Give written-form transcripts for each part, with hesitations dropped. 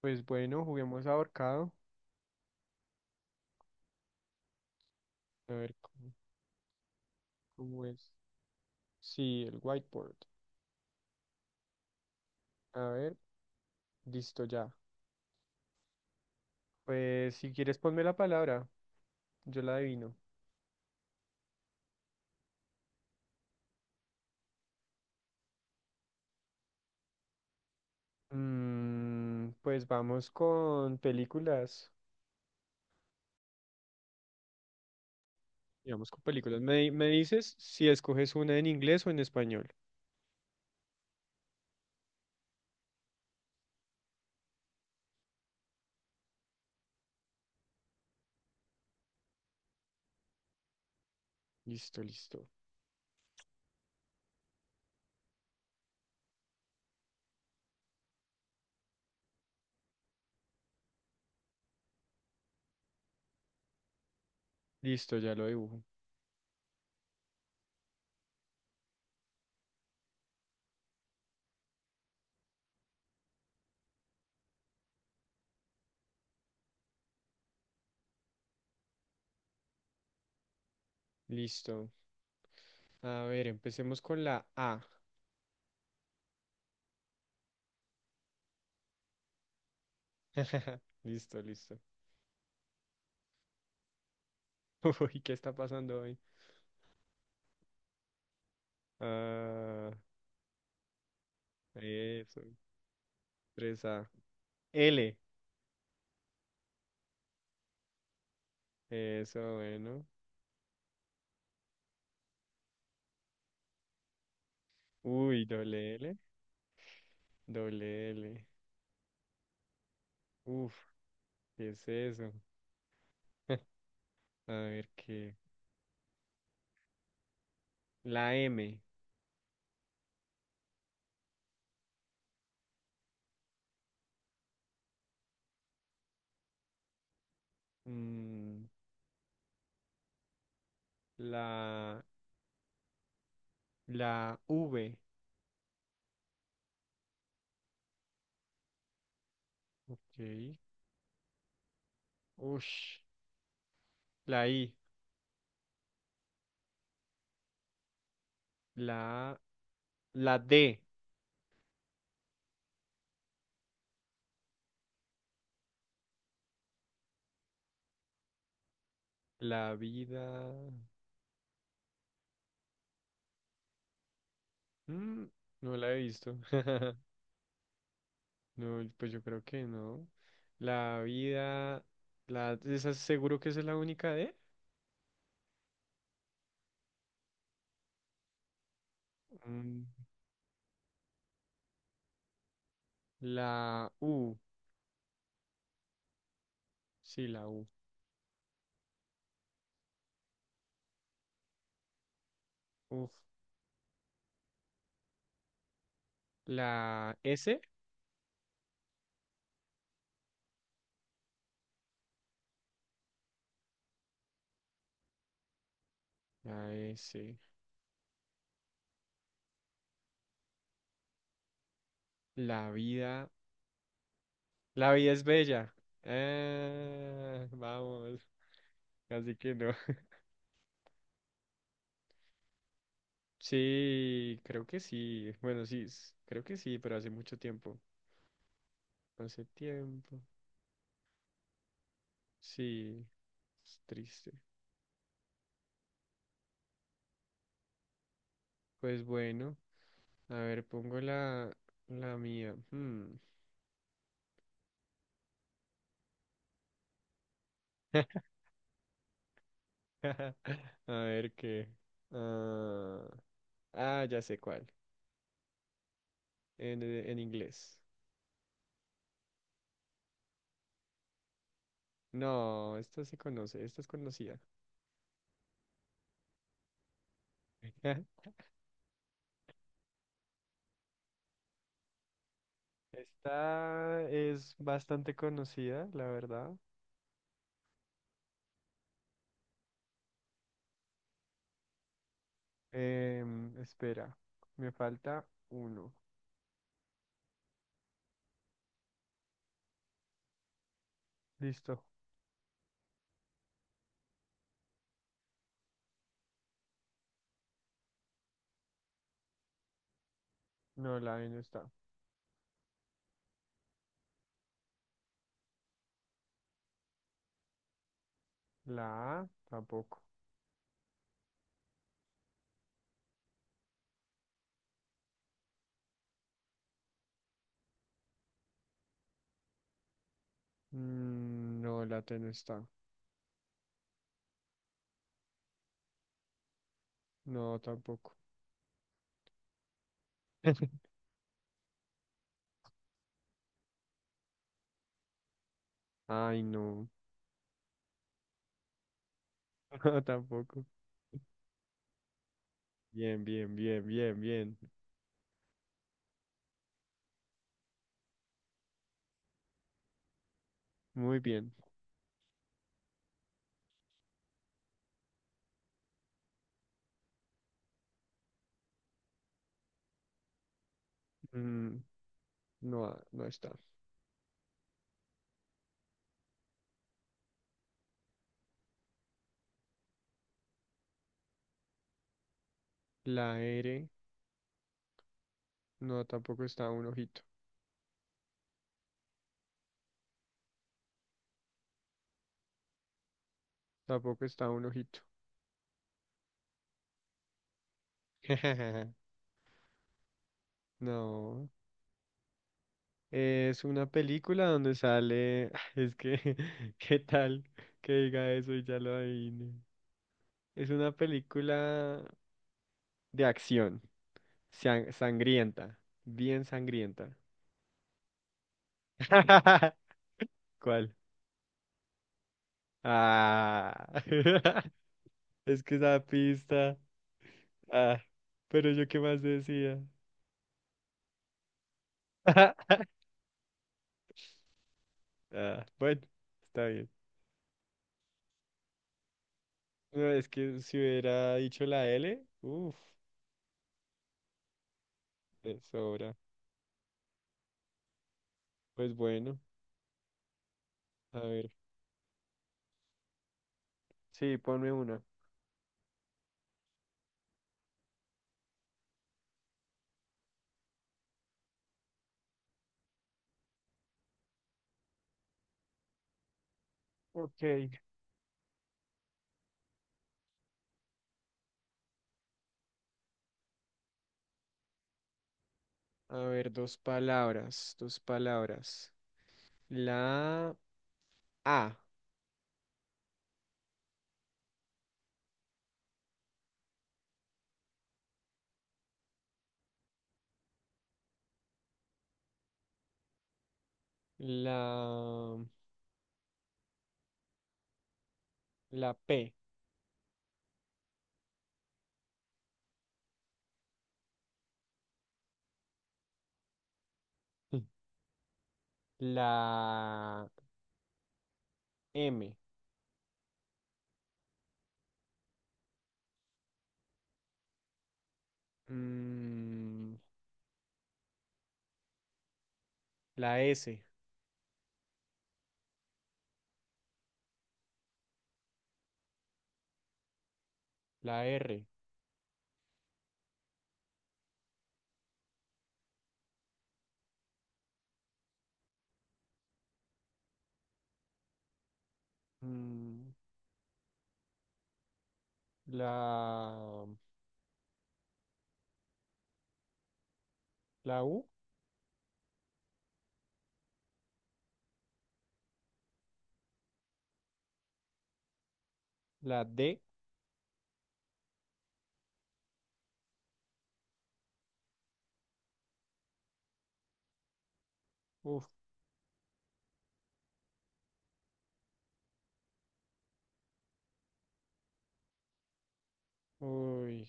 Pues bueno, juguemos ahorcado. A ver cómo es. Sí, el whiteboard. A ver, listo ya. Pues si quieres ponme la palabra, yo la adivino. Pues vamos con películas. Digamos con películas. Me dices si escoges una en inglés o en español. Listo, listo. Listo, ya lo dibujo. Listo. A ver, empecemos con la A. Listo, listo. Uy, ¿qué está pasando hoy? Ah, eso. Tres A. L. Eso, bueno. Uy, doble L. Doble L. Uf, ¿qué es eso? A ver qué. La M. mm, la, la V. Ok. Ush. La I. La, la D. La vida. mm, no la he visto. No, pues yo creo que no. La vida. ¿Esa seguro que esa es la única D? Mm, La U. Sí, la U. Uf. La S. La S. La vida. La vida es bella. Ah, vamos. Así que no. Sí, creo que sí. Bueno, sí, creo que sí, pero hace mucho tiempo. Hace tiempo. Sí, es triste. Pues bueno, a ver, pongo la, mía. Hmm. A ver qué. ah, ya sé cuál. En inglés. No, esta se conoce, esta es conocida. Esta es bastante conocida, la verdad. Espera, me falta uno. Listo. No, la E no está. La A tampoco. No, la T no está. No, tampoco. Ay, no. Tampoco. Bien, bien, bien, bien, bien. Muy bien. Mm, no, no está. La R, no, tampoco está un ojito. Tampoco está un ojito. No, es una película donde sale, es que, ¿qué tal que diga eso y ya lo adivine? Es una película de acción, sangrienta, bien sangrienta. ¿Cuál? Ah, es que esa pista. Ah, pero yo qué más decía. Ah, bueno, está bien. No, es que si hubiera dicho la L, uff, de sobra. Pues bueno. A ver, sí, ponme una. Ok. A ver, dos palabras, dos palabras. La A, la, la P, la M, mm, la S, la R, mm, la, la U, la D, uf, uy,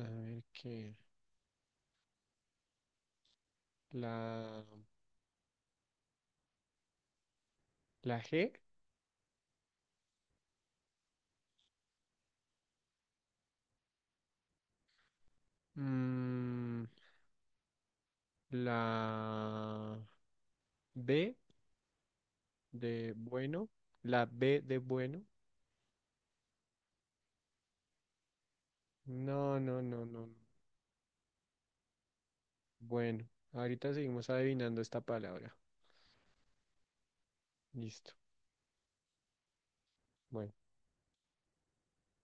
a ver qué, la, la G, mm, la B, de bueno, la B de bueno. No, no, no, no. No. Bueno, ahorita seguimos adivinando esta palabra. Listo. Bueno.